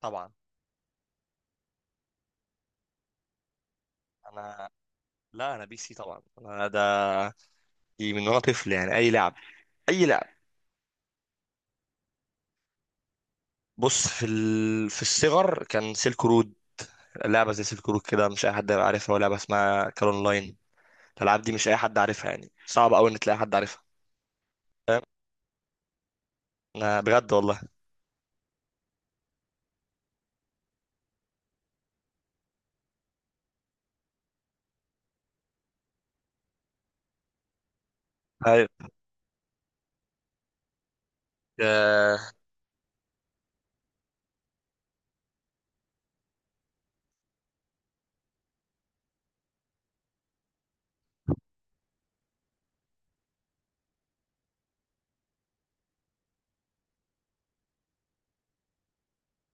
طبعا. انا لا، انا بي سي طبعا. انا ده دي من وانا طفل، يعني اي لعب، اي لعب. بص، في الصغر كان سيلك رود. لعبه زي سيلك رود كده مش اي حد هيبقى عارفها، ولا لعبه اسمها كال اونلاين. الالعاب دي مش اي حد عارفها، يعني صعب قوي ان تلاقي حد عارفها. فاهم، انا بجد والله. أيوة. آه،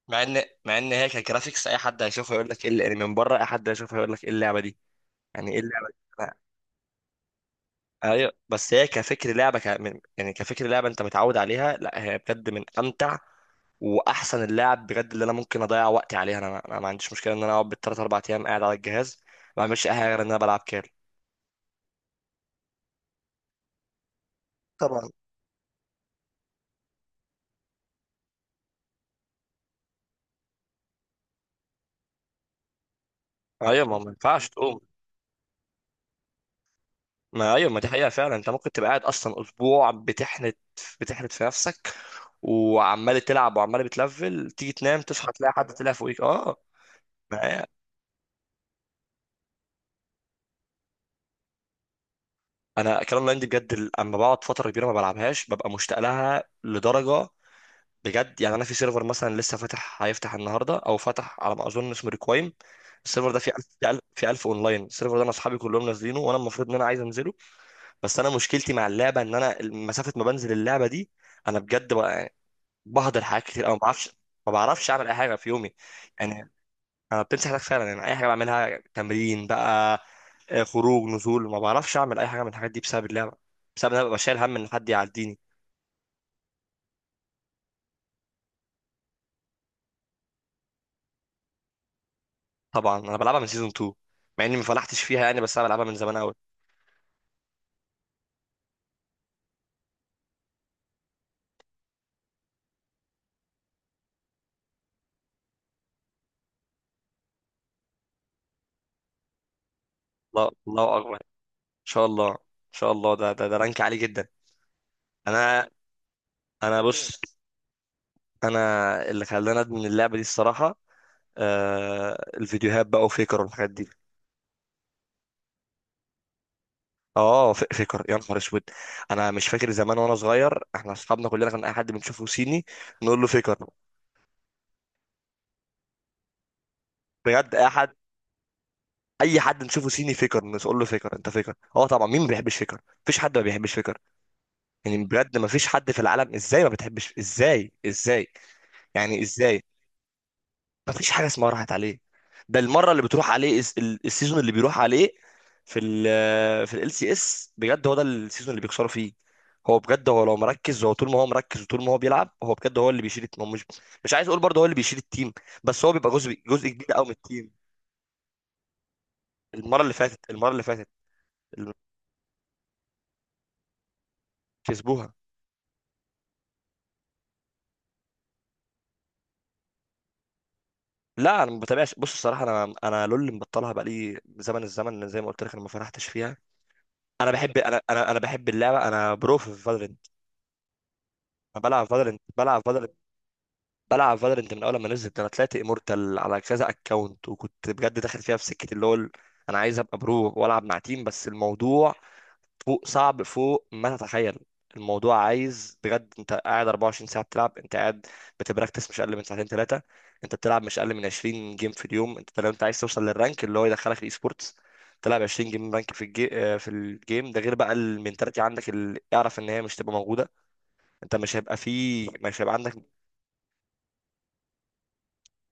مع ان هي كجرافيكس اي حد هيشوفها يقول لك ايه اللي- يعني من بره اي حد هيشوفها يقول لك ايه اللعبه دي. يعني ايه اللعبه دي، لا. ايوه، بس هي كفكر لعبه ك... من- يعني كفكر لعبه انت متعود عليها، لا هي بجد من امتع واحسن اللاعب بجد اللي انا ممكن اضيع وقتي عليها. انا ما عنديش مشكله ان انا اقعد بالثلاث اربع ايام قاعد على الجهاز، ما بعملش اي حاجه غير ان انا بلعب كيرل. طبعا. ايوه، ما ينفعش تقوم. ما ايوه، ما دي حقيقه فعلا. انت ممكن تبقى قاعد اصلا اسبوع بتحنت، بتحنت في نفسك، وعمال تلعب وعمال بتلفل، تيجي تنام تصحى تلاقي حد طلع فوقيك. اه. ما هي- انا كلام لاين دي بجد، اما بقعد فتره كبيره ما بلعبهاش ببقى مشتاق لها لدرجه، بجد. يعني انا في سيرفر مثلا لسه فاتح هيفتح النهارده او فتح على ما اظن اسمه ريكوايم. السيرفر ده فيه 1000 في 1000 في 1000 اونلاين. السيرفر ده انا اصحابي كلهم نازلينه وانا المفروض ان انا عايز انزله، بس انا مشكلتي مع اللعبه ان انا مسافه ما بنزل اللعبه دي. انا بجد بقى، يعني بهدر حاجات كتير او ما بعرفش. ما بعرفش اعمل اي حاجه في يومي، يعني انا بتمسح حياتك فعلا. يعني اي حاجه بعملها، تمرين بقى، آه، خروج، نزول، ما بعرفش اعمل اي حاجه من الحاجات دي بسبب اللعبه، بسبب ان انا ببقى شايل هم ان حد يعديني. طبعا انا بلعبها من سيزون 2. مع اني ما فلحتش فيها، يعني بس انا بلعبها من زمان قوي. الله، الله اكبر. ان شاء الله، ان شاء الله. ده رانك عالي جدا. انا انا بص، انا اللي خلاني ادمن اللعبه دي الصراحه، آه، الفيديوهات بقى وفيكر والحاجات دي. اه، فيكر يا نهار اسود. انا مش فاكر زمان وانا صغير احنا اصحابنا كلنا كان اي حد بنشوفه صيني نقول له فيكر. بجد اي حد، اي حد نشوفه صيني فيكر، نقول له فيكر انت فيكر. اه طبعا، مين ما بيحبش فيكر؟ مفيش حد ما بيحبش فيكر. يعني بجد ما فيش حد في العالم، ازاي ما بتحبش؟ ازاي؟ ازاي؟ يعني ازاي؟ ما فيش حاجه اسمها راحت عليه. ده المره اللي بتروح عليه، السيزون اللي بيروح عليه في ال آه، في ال سي اس، بجد هو ده السيزون اللي بيكسروا فيه. هو بجد، هو لو مركز، هو طول ما هو مركز وطول ما هو بيلعب، هو بجد هو اللي بيشيل الت- هو مش مش عايز اقول برضه هو اللي بيشيل التيم، بس هو بيبقى جزء كبير قوي من التيم. المره اللي فاتت، المره اللي فاتت اللي كسبوها. لا انا ما بتابعش، بص الصراحه، انا لول مبطلها بقالي زمن الزمن زي ما قلت لك، انا ما فرحتش فيها. بحب، انا بحب اللعبه. انا برو في فالورنت. انا بلعب فالورنت، بلعب فالورنت، بلعب فالورنت من اول ما نزلت. انا طلعت امورتال على كذا اكونت، وكنت بجد داخل فيها في سكه اللي هو انا عايز ابقى برو والعب مع تيم، بس الموضوع فوق صعب، فوق ما تتخيل. الموضوع عايز بجد انت قاعد 24 ساعة بتلعب، انت قاعد بتبراكتس مش اقل من ساعتين 3. انت بتلعب مش اقل من 20 جيم في اليوم، انت لو انت عايز توصل للرانك اللي هو يدخلك الاي سبورتس، تلعب 20 جيم رانك في الجيم ده، غير بقى المنتاليتي عندك اللي اعرف ان هي مش تبقى موجودة. انت مش هيبقى فيه، مش هيبقى عندك.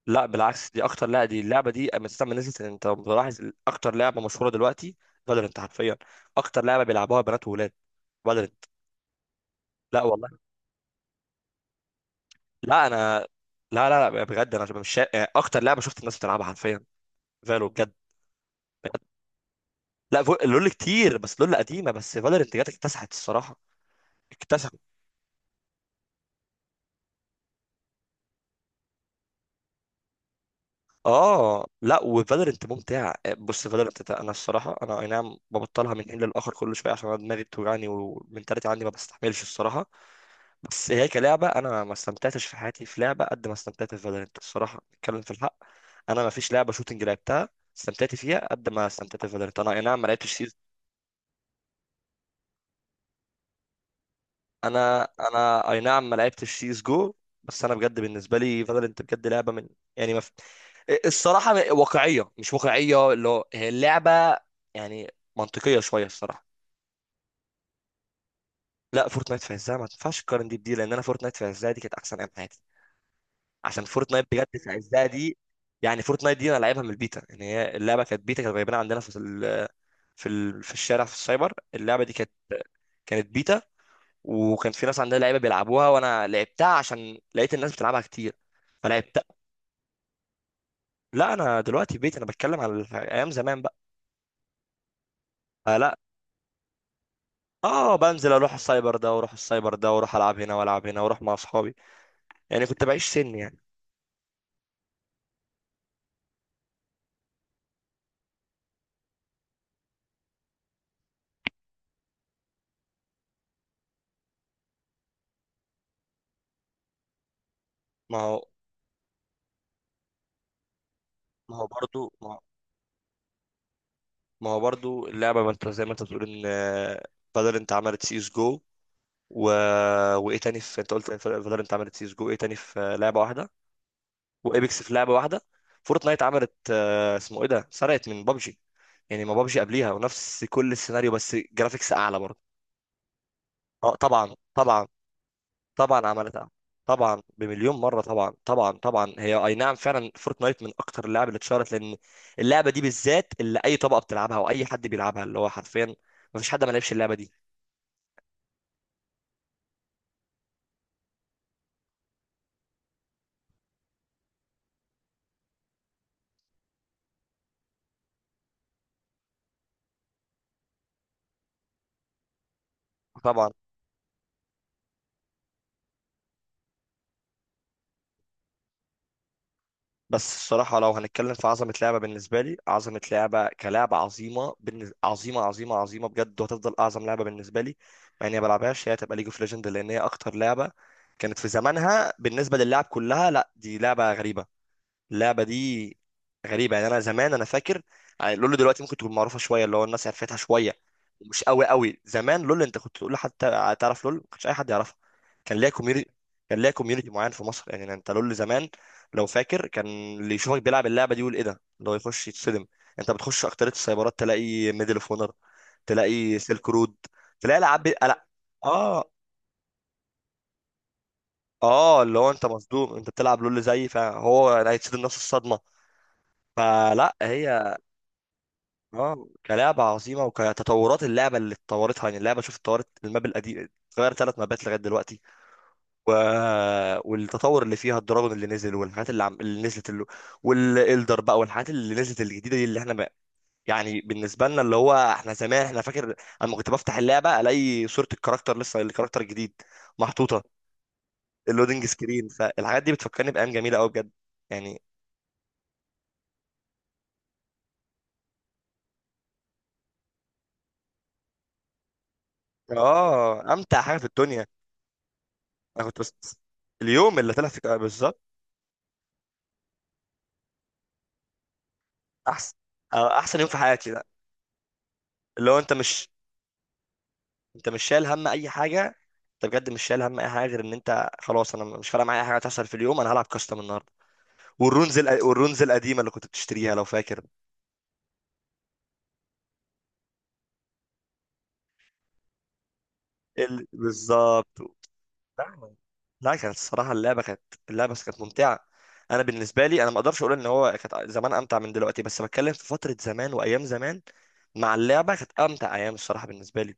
لا بالعكس، دي اكتر، لا دي اللعبة دي اما تسمى نزلت، انت ملاحظ؟ اكتر لعبة مشهورة دلوقتي فالورنت حرفيا. اكتر لعبة بيلعبوها بنات وولاد فالورنت. لا لا انا لا بجد، انا مش شا... يعني اكتر لعبه شفت الناس بتلعبها حرفيا فالو بجد. لا لول كتير، بس لول قديمه. بس فالورنت جت اكتسحت الصراحه، اكتسحت. اه لا، وفالورنت ممتع. بص فالورنت ده، انا الصراحه انا اي نعم ببطلها من حين للاخر كل شويه عشان انا دماغي بتوجعني ومنتاليتي عندي ما بستحملش الصراحه. بس هي كلعبه، انا ما استمتعتش في حياتي في لعبه قد ما استمتعت في فالورنت الصراحه. نتكلم في الحق، انا ما فيش لعبه شوتنج لعبتها استمتعت فيها قد ما استمتعت في فالورنت. انا اي نعم ما لعبتش، انا اي نعم ما لعبتش سي اس جو، بس انا بجد بالنسبه لي فالورنت بجد لعبه من، يعني ما في... الصراحه واقعيه مش واقعيه اللي هو هي اللعبه، يعني منطقيه شويه الصراحه. لا فورتنايت في عزها ما تنفعش تقارن دي بدي، لان انا فورتنايت في عزها دي كانت احسن ايام حياتي. عشان فورتنايت بجد في عزها دي، يعني فورتنايت دي انا لعبها من البيتا. يعني هي اللعبه كانت بيتا، كانت جايبينها عندنا في الشارع في السايبر. اللعبه دي كانت، كانت بيتا. وكان في ناس عندها لعيبه بيلعبوها وانا لعبتها عشان لقيت الناس بتلعبها كتير فلعبتها. لا انا دلوقتي بيت، انا بتكلم عن ايام زمان بقى. فلا، اه بنزل اروح السايبر ده واروح السايبر ده واروح العب هنا والعب هنا واروح مع اصحابي، يعني كنت بعيش سن يعني. ما هو ما هو برضو ما هو ما هو برضو اللعبه، ما انت زي ما انت بتقول ان آه، بدل انت عملت سي اس جو و، وايه تاني في، انت قلت بدل انت عملت سي اس جو ايه تاني في آه، لعبه واحده، وابيكس في لعبه واحده. فورتنايت عملت آه، اسمه ايه ده، سرقت من بابجي. يعني ما بابجي قبليها ونفس كل السيناريو، بس جرافيكس اعلى برضه. اه طبعا طبعا. طبعا عملتها، طبعا بمليون مره، طبعا طبعا طبعا. هي اي نعم فعلا فورتنايت من اكتر اللعب اللي اتشهرت، لان اللعبه دي بالذات اللي اي طبقه بتلعبها واي حد بيلعبها، اللي هو حرفيا ما فيش حد ما لعبش اللعبه دي. طبعا. بس الصراحة لو هنتكلم في عظمة لعبة بالنسبة لي، عظمة لعبة كلعبة عظيمة عظيمة عظيمة عظيمة بجد وهتفضل أعظم لعبة بالنسبة لي، مع إني ما بلعبهاش، هي هتبقى ليج اوف ليجند. لأن هي أكتر لعبة كانت في زمانها بالنسبة للعب كلها. لا دي لعبة غريبة، اللعبه دي غريبه. يعني انا زمان انا فاكر، يعني لول دلوقتي ممكن تكون معروفه شويه اللي هو الناس عرفتها شويه. مش قوي قوي زمان، لول انت كنت تقول لحد تعرف لول، ما كانش اي حد يعرفها. كان ليها كوميونتي، كان ليها كوميونتي معين في مصر. يعني انت لول زمان لو فاكر، كان اللي يشوفك بيلعب اللعبه دي يقول ايه ده، اللي هو يخش يتصدم. انت بتخش اكتريه السايبرات تلاقي ميدل اوف اونر، تلاقي سيلك رود، تلاقي العاب لا. اه، اه اللي هو انت مصدوم انت بتلعب لول زي، فهو هيتصدم نفس الصدمه. فلا هي، اه كلعبة عظيمة وكتطورات اللعبة اللي اتطورتها. يعني اللعبة شوف اتطورت، الماب القديم اتغير 3 مابات لغاية دلوقتي، و... والتطور اللي فيها الدراجون اللي نزل والحاجات اللي نزلت اللي، والإلدر بقى والحاجات اللي نزلت الجديدة دي اللي احنا ما... يعني بالنسبة لنا اللي هو احنا زمان احنا فاكر اما كنت بفتح اللعبة الاقي صورة الكاركتر لسه الكاركتر الجديد محطوطة، اللودنج سكرين. فالحاجات دي بتفكرني بأيام جميلة قوي بجد، يعني. اه امتع حاجة في الدنيا، انا كنت بس، اليوم اللي طلع في بالظبط. احسن آه، احسن يوم في حياتي ده. اللي هو انت مش، انت مش شايل هم اي حاجه. انت بجد مش شايل هم اي حاجه غير ان انت خلاص، انا مش فارق معايا اي حاجه هتحصل في اليوم، انا هلعب كاستم النهارده. والرونز والرونز القديمه اللي كنت بتشتريها لو فاكر. بالظبط. لا لا كانت الصراحه اللعبه كانت، اللعبه كانت ممتعه. انا بالنسبه لي انا ما اقدرش اقول ان هو كانت زمان امتع من دلوقتي، بس بتكلم في فتره زمان وايام زمان مع اللعبه، كانت امتع ايام الصراحه بالنسبه لي.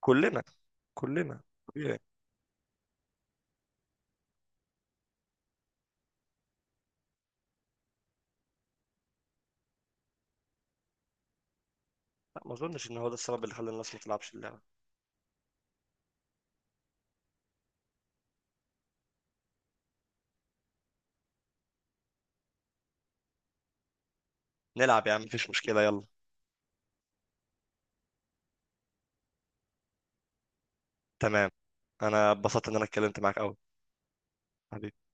كلنا، كلنا طبيعي. لا ما اظنش ان هو ده السبب اللي خلى الناس ما تلعبش اللعبه. نلعب يا عم، مفيش مشكلة يلا. تمام. أنا اتبسطت إن أنا اتكلمت معاك أوي. حبيبي.